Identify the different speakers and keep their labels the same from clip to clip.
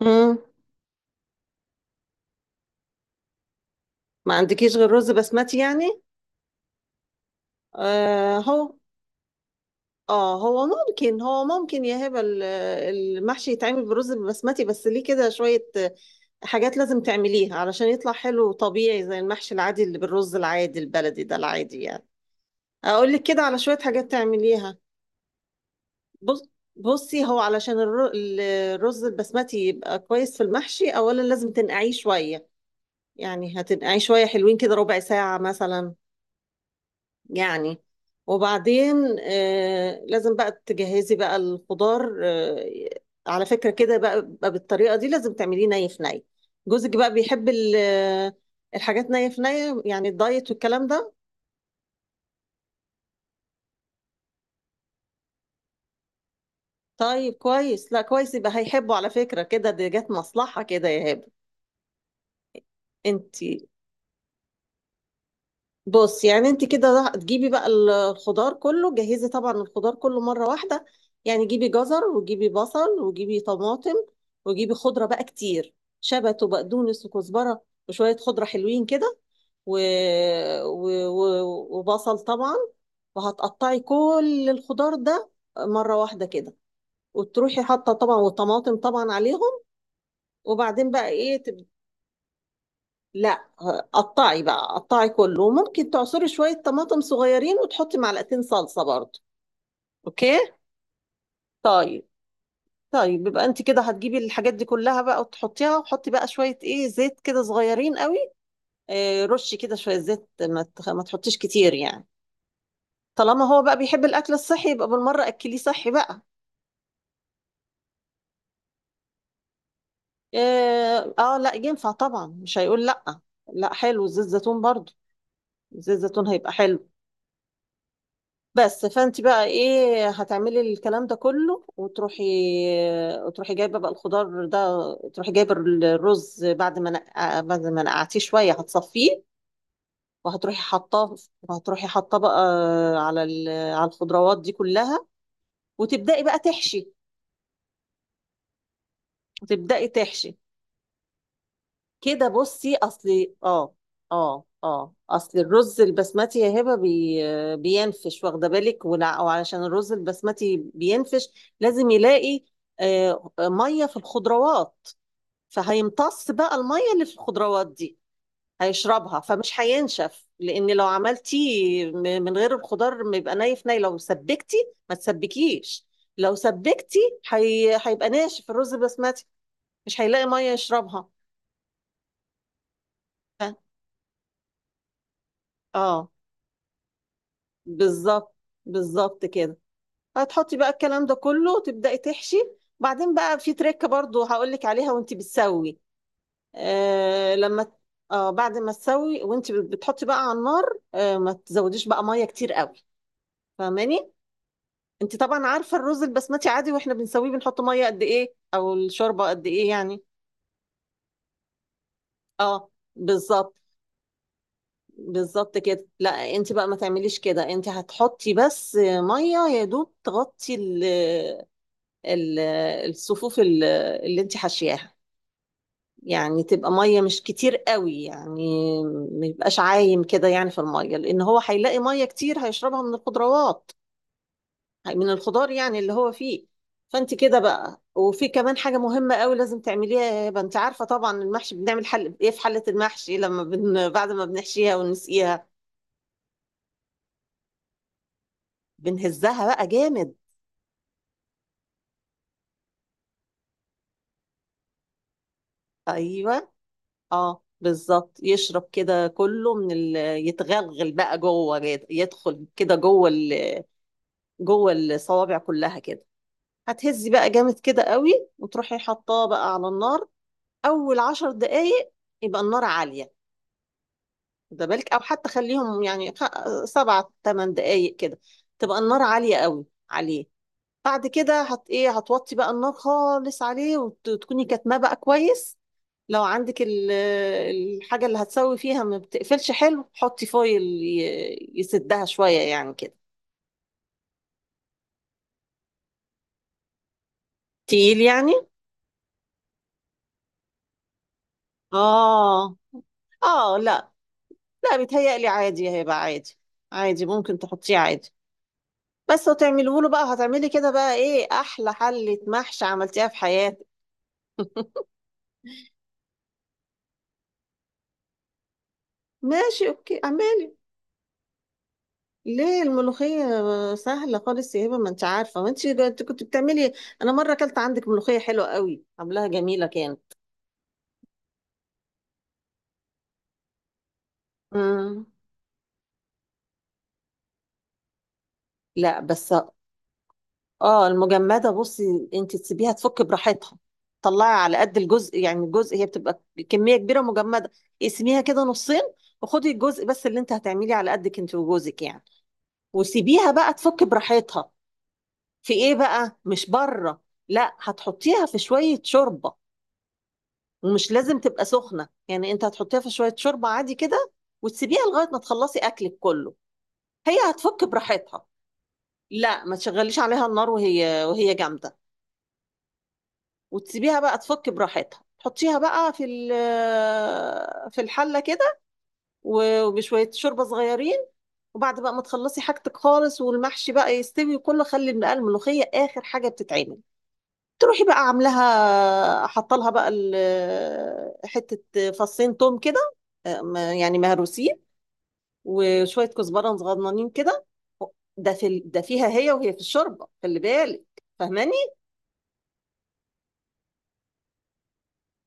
Speaker 1: مم. ما عندكيش غير رز بسمتي يعني؟ آه، هو اه هو ممكن يا هبه، المحشي يتعمل بالرز البسمتي بس ليه كده شويه حاجات لازم تعمليها علشان يطلع حلو وطبيعي زي المحشي العادي اللي بالرز العادي البلدي ده العادي يعني. اقول لك كده على شويه حاجات تعمليها. بص بصي هو علشان الرز البسمتي يبقى كويس في المحشي اولا لازم تنقعيه شويه. يعني هتنقعيه شويه حلوين كده ربع ساعه مثلا يعني. وبعدين لازم بقى تجهزي بقى الخضار. على فكرة كده بقى بالطريقة دي لازم تعمليه ني في ني. جوزك بقى بيحب الحاجات ني في ني، يعني الدايت والكلام ده. طيب كويس، لا كويس، يبقى هيحبه. على فكرة كده دي جت مصلحة كده يا هبة. انت بص، يعني انت كده تجيبي بقى الخضار كله، جهزي طبعا الخضار كله مرة واحدة. يعني جيبي جزر وجيبي بصل وجيبي طماطم وجيبي خضرة بقى كتير، شبت وبقدونس وكزبرة وشوية خضرة حلوين كده، و... وبصل طبعا. وهتقطعي كل الخضار ده مرة واحدة كده وتروحي حاطة طبعا والطماطم طبعا عليهم. وبعدين بقى ايه؟ لا قطعي بقى، قطعي كله، وممكن تعصري شوية طماطم صغيرين وتحطي معلقتين صلصة برضه. اوكي. طيب. طيب يبقى انت كده هتجيبي الحاجات دي كلها بقى وتحطيها، وحطي بقى شوية ايه زيت كده صغيرين قوي. اه رشي كده شوية زيت، ما تحطيش كتير يعني. طالما هو بقى بيحب الاكل الصحي يبقى بالمرة اكليه صحي بقى. اه، اه لا ينفع طبعا، مش هيقول لا. لا حلو زيت زيتون برضه. زيت زيتون هيبقى حلو. بس فانت بقى ايه هتعملي الكلام ده كله وتروحي جايبه بقى الخضار ده، تروحي جايبه الرز بعد ما بعد ما نقعتيه شويه هتصفيه. وهتروحي حطاه وهتروحي حطاه بقى على على الخضروات دي كلها، وتبداي بقى تحشي وتبداي تحشي. كده بصي، اصلي اه اه اه اصل الرز البسمتي يا هبه بينفش، واخده بالك، وعلشان الرز البسمتي بينفش لازم يلاقي ميه في الخضروات، فهيمتص بقى الميه اللي في الخضروات دي، هيشربها، فمش هينشف. لان لو عملتيه من غير الخضار بيبقى نايف لو سبكتي. ما تسبكيش. لو سبكتي هيبقى ناشف الرز البسمتي، مش هيلاقي ميه يشربها. ف- اه بالظبط. بالظبط كده. هتحطي بقى الكلام ده كله، تبدأي تحشي. بعدين بقى في تريكة برضو هقولك عليها وانت بتسوي. آه لما آه بعد ما تسوي وانت بتحطي بقى على النار، ما تزوديش بقى مية كتير قوي، فاهماني؟ انت طبعا عارفة الرز البسمتي عادي واحنا بنسويه بنحط مية قد ايه او الشوربة قد ايه يعني. اه بالظبط. بالظبط كده. لا انت بقى ما تعمليش كده، انت هتحطي بس ميه يا دوب تغطي ال- الصفوف اللي انت حاشياها، يعني تبقى ميه مش كتير قوي يعني. ما يبقاش عايم كده يعني في الميه، لان هو هيلاقي ميه كتير هيشربها من الخضروات، من الخضار يعني اللي هو فيه. فانت كده بقى، وفي كمان حاجه مهمه قوي لازم تعمليها يا هبه. انت عارفه طبعا المحشي بنعمل حل ايه في حله المحشي لما بعد ما بنحشيها ونسقيها، بنهزها بقى جامد. ايوه، اه بالظبط، يشرب كده كله يتغلغل بقى جوه كده، يدخل كده جوه الصوابع كلها كده. هتهزي بقى جامد كده قوي وتروحي حطاه بقى على النار. اول 10 دقايق يبقى النار عالية، ده بالك، او حتى خليهم يعني سبع ثمان دقايق كده، تبقى النار عالية قوي عليه. بعد كده هت ايه هتوطي بقى النار خالص عليه وتكوني كاتماه بقى كويس. لو عندك الحاجة اللي هتسوي فيها ما بتقفلش حلو حطي فويل يسدها شوية يعني كده. تقيل يعني. اه، اه لا. لا بيتهيألي عادي، هيبقى عادي. عادي ممكن تحطيه عادي. بس وتعمله له بقى، هتعملي كده بقى ايه احلى حلة محشي عملتيها في حياتك. ماشي اوكي اعملي. ليه الملوخية؟ سهلة خالص يا هبة، ما انت عارفة، ما انت كنت بتعملي. انا مرة اكلت عندك ملوخية حلوة قوي، عاملاها جميلة كانت. مم. لا بس. اه المجمدة بصي انت تسيبيها تفك براحتها. طلعي على قد الجزء، يعني الجزء هي بتبقى كمية كبيرة مجمدة، اقسميها كده نصين وخدي الجزء بس اللي انت هتعمليه على قدك انت وجوزك يعني، وسيبيها بقى تفك براحتها. في ايه بقى مش بره. لا هتحطيها في شوية شوربة، ومش لازم تبقى سخنة يعني، انت هتحطيها في شوية شوربة عادي كده وتسيبيها لغاية ما تخلصي اكلك كله، هي هتفك براحتها. لا ما تشغليش عليها النار وهي جامدة، وتسيبيها بقى تفك براحتها، تحطيها بقى في الحله كده وبشويه شوربه صغيرين. وبعد بقى ما تخلصي حاجتك خالص والمحشي بقى يستوي كله، خلي الملوخيه اخر حاجه بتتعمل. تروحي بقى عاملاها، حاطه لها بقى حته فصين توم كده يعني مهروسين، وشويه كزبره صغننين كده. ده فيها، هي وهي في الشوربه، خلي بالك. فاهماني؟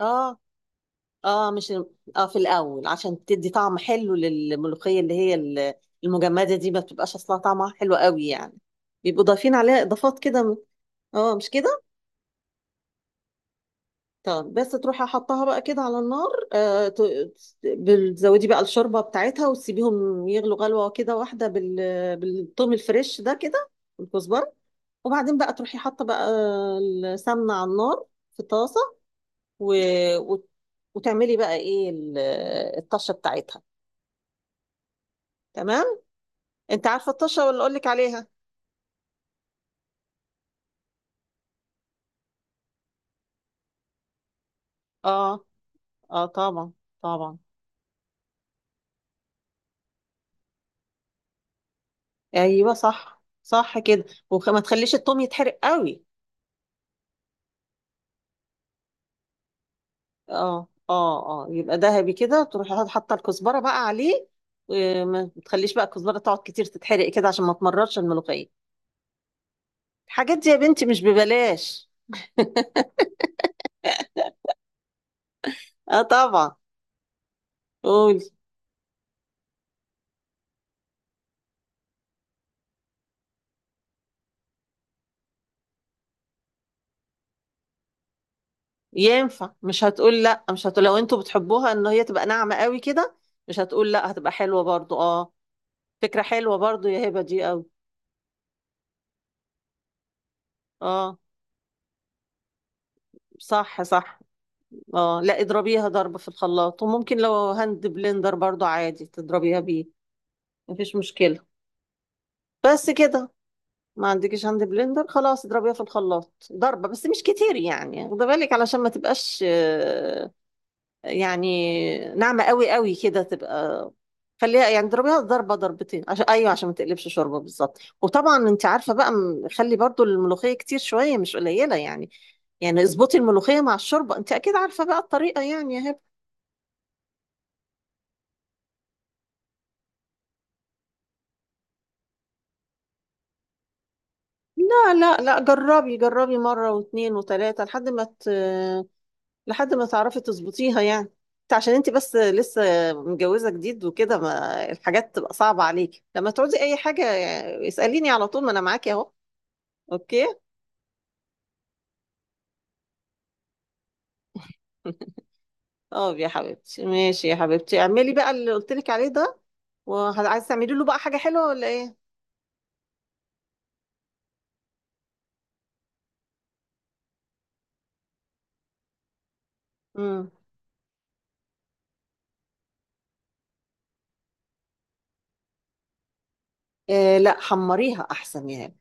Speaker 1: اه، اه مش اه في الاول عشان تدي طعم حلو للملوخيه، اللي هي المجمده دي ما بتبقاش اصلا طعمها حلو قوي يعني، بيبقوا ضايفين عليها اضافات كده. اه مش كده. طب بس تروحي حطها بقى كده على النار، بتزودي بقى الشوربه بتاعتها وتسيبيهم يغلوا غلوه كده واحده، بالثوم الفريش ده كده والكزبره. وبعدين بقى تروحي حاطه بقى السمنه على النار في طاسه و... وت- وتعملي بقى ايه الطشه بتاعتها. تمام. انت عارفه الطشه ولا اقول لك عليها؟ اه، اه طبعا. طبعا. ايوه صح صح كده، وما تخليش التوم يتحرق قوي. اه، اه، اه يبقى ذهبي كده، تروحي حاطه الكزبره بقى عليه، وما تخليش بقى الكزبره تقعد كتير تتحرق كده عشان ما تمررش الملوخيه. الحاجات دي يا بنتي مش ببلاش. اه طبعا. قولي. ينفع، مش هتقول لا، مش هتقول، لو انتوا بتحبوها ان هي تبقى ناعمه قوي كده مش هتقول لا، هتبقى حلوه برضو اه. فكره حلوه برضو يا هبه دي قوي. اه صح صح. اه لا اضربيها ضرب في الخلاط، وممكن لو هاند بلندر برضو عادي تضربيها بيه، مفيش مشكلة. بس كده. ما عندكش هاند بلندر، خلاص اضربيها في الخلاط ضربة بس مش كتير يعني، خد بالك علشان ما تبقاش يعني ناعمة قوي قوي كده تبقى. خليها يعني اضربيها ضربة ضربتين عشان ما تقلبش شوربة بالظبط. وطبعا انت عارفة بقى خلي برضو الملوخية كتير شوية مش قليلة يعني، يعني اظبطي الملوخية مع الشوربة، انت اكيد عارفة بقى الطريقة يعني يا هبة. لا لا لا جربي، جربي مرة واثنين وثلاثة لحد ما لحد ما تعرفي تظبطيها يعني. انت عشان انت بس لسه متجوزة جديد وكده، ما الحاجات تبقى صعبة عليكي، لما تعوزي اي حاجة اسأليني على طول ما انا معاكي اهو. اوكي. اه يا حبيبتي ماشي يا حبيبتي، اعملي بقى اللي قلت لك عليه ده. وعايزه تعملي له بقى حاجة حلوة ولا ايه؟ امم. لا حمريها احسن يا.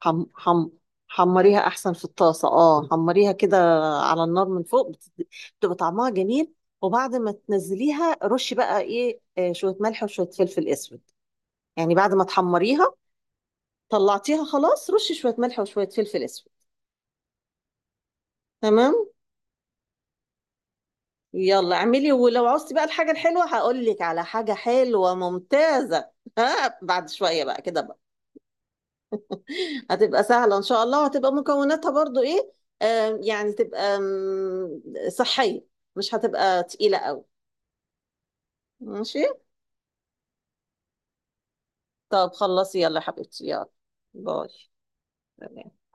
Speaker 1: حم حم حمريها احسن في الطاسه، اه حمريها كده على النار من فوق، بتبقى طعمها جميل، وبعد ما تنزليها رشي بقى ايه آه، شويه ملح وشويه فلفل اسود. يعني بعد ما تحمريها، طلعتيها خلاص، رشي شويه ملح وشويه فلفل اسود. تمام. يلا اعملي، ولو عوزتي بقى الحاجه الحلوه هقول لك على حاجه حلوه ممتازه ها بعد شويه بقى كده. هتبقى سهلة إن شاء الله، وهتبقى مكوناتها برضو إيه آم، يعني تبقى صحية، مش هتبقى تقيلة قوي. ماشي. طب خلصي يلا يا حبيبتي يلا. باي. سلام.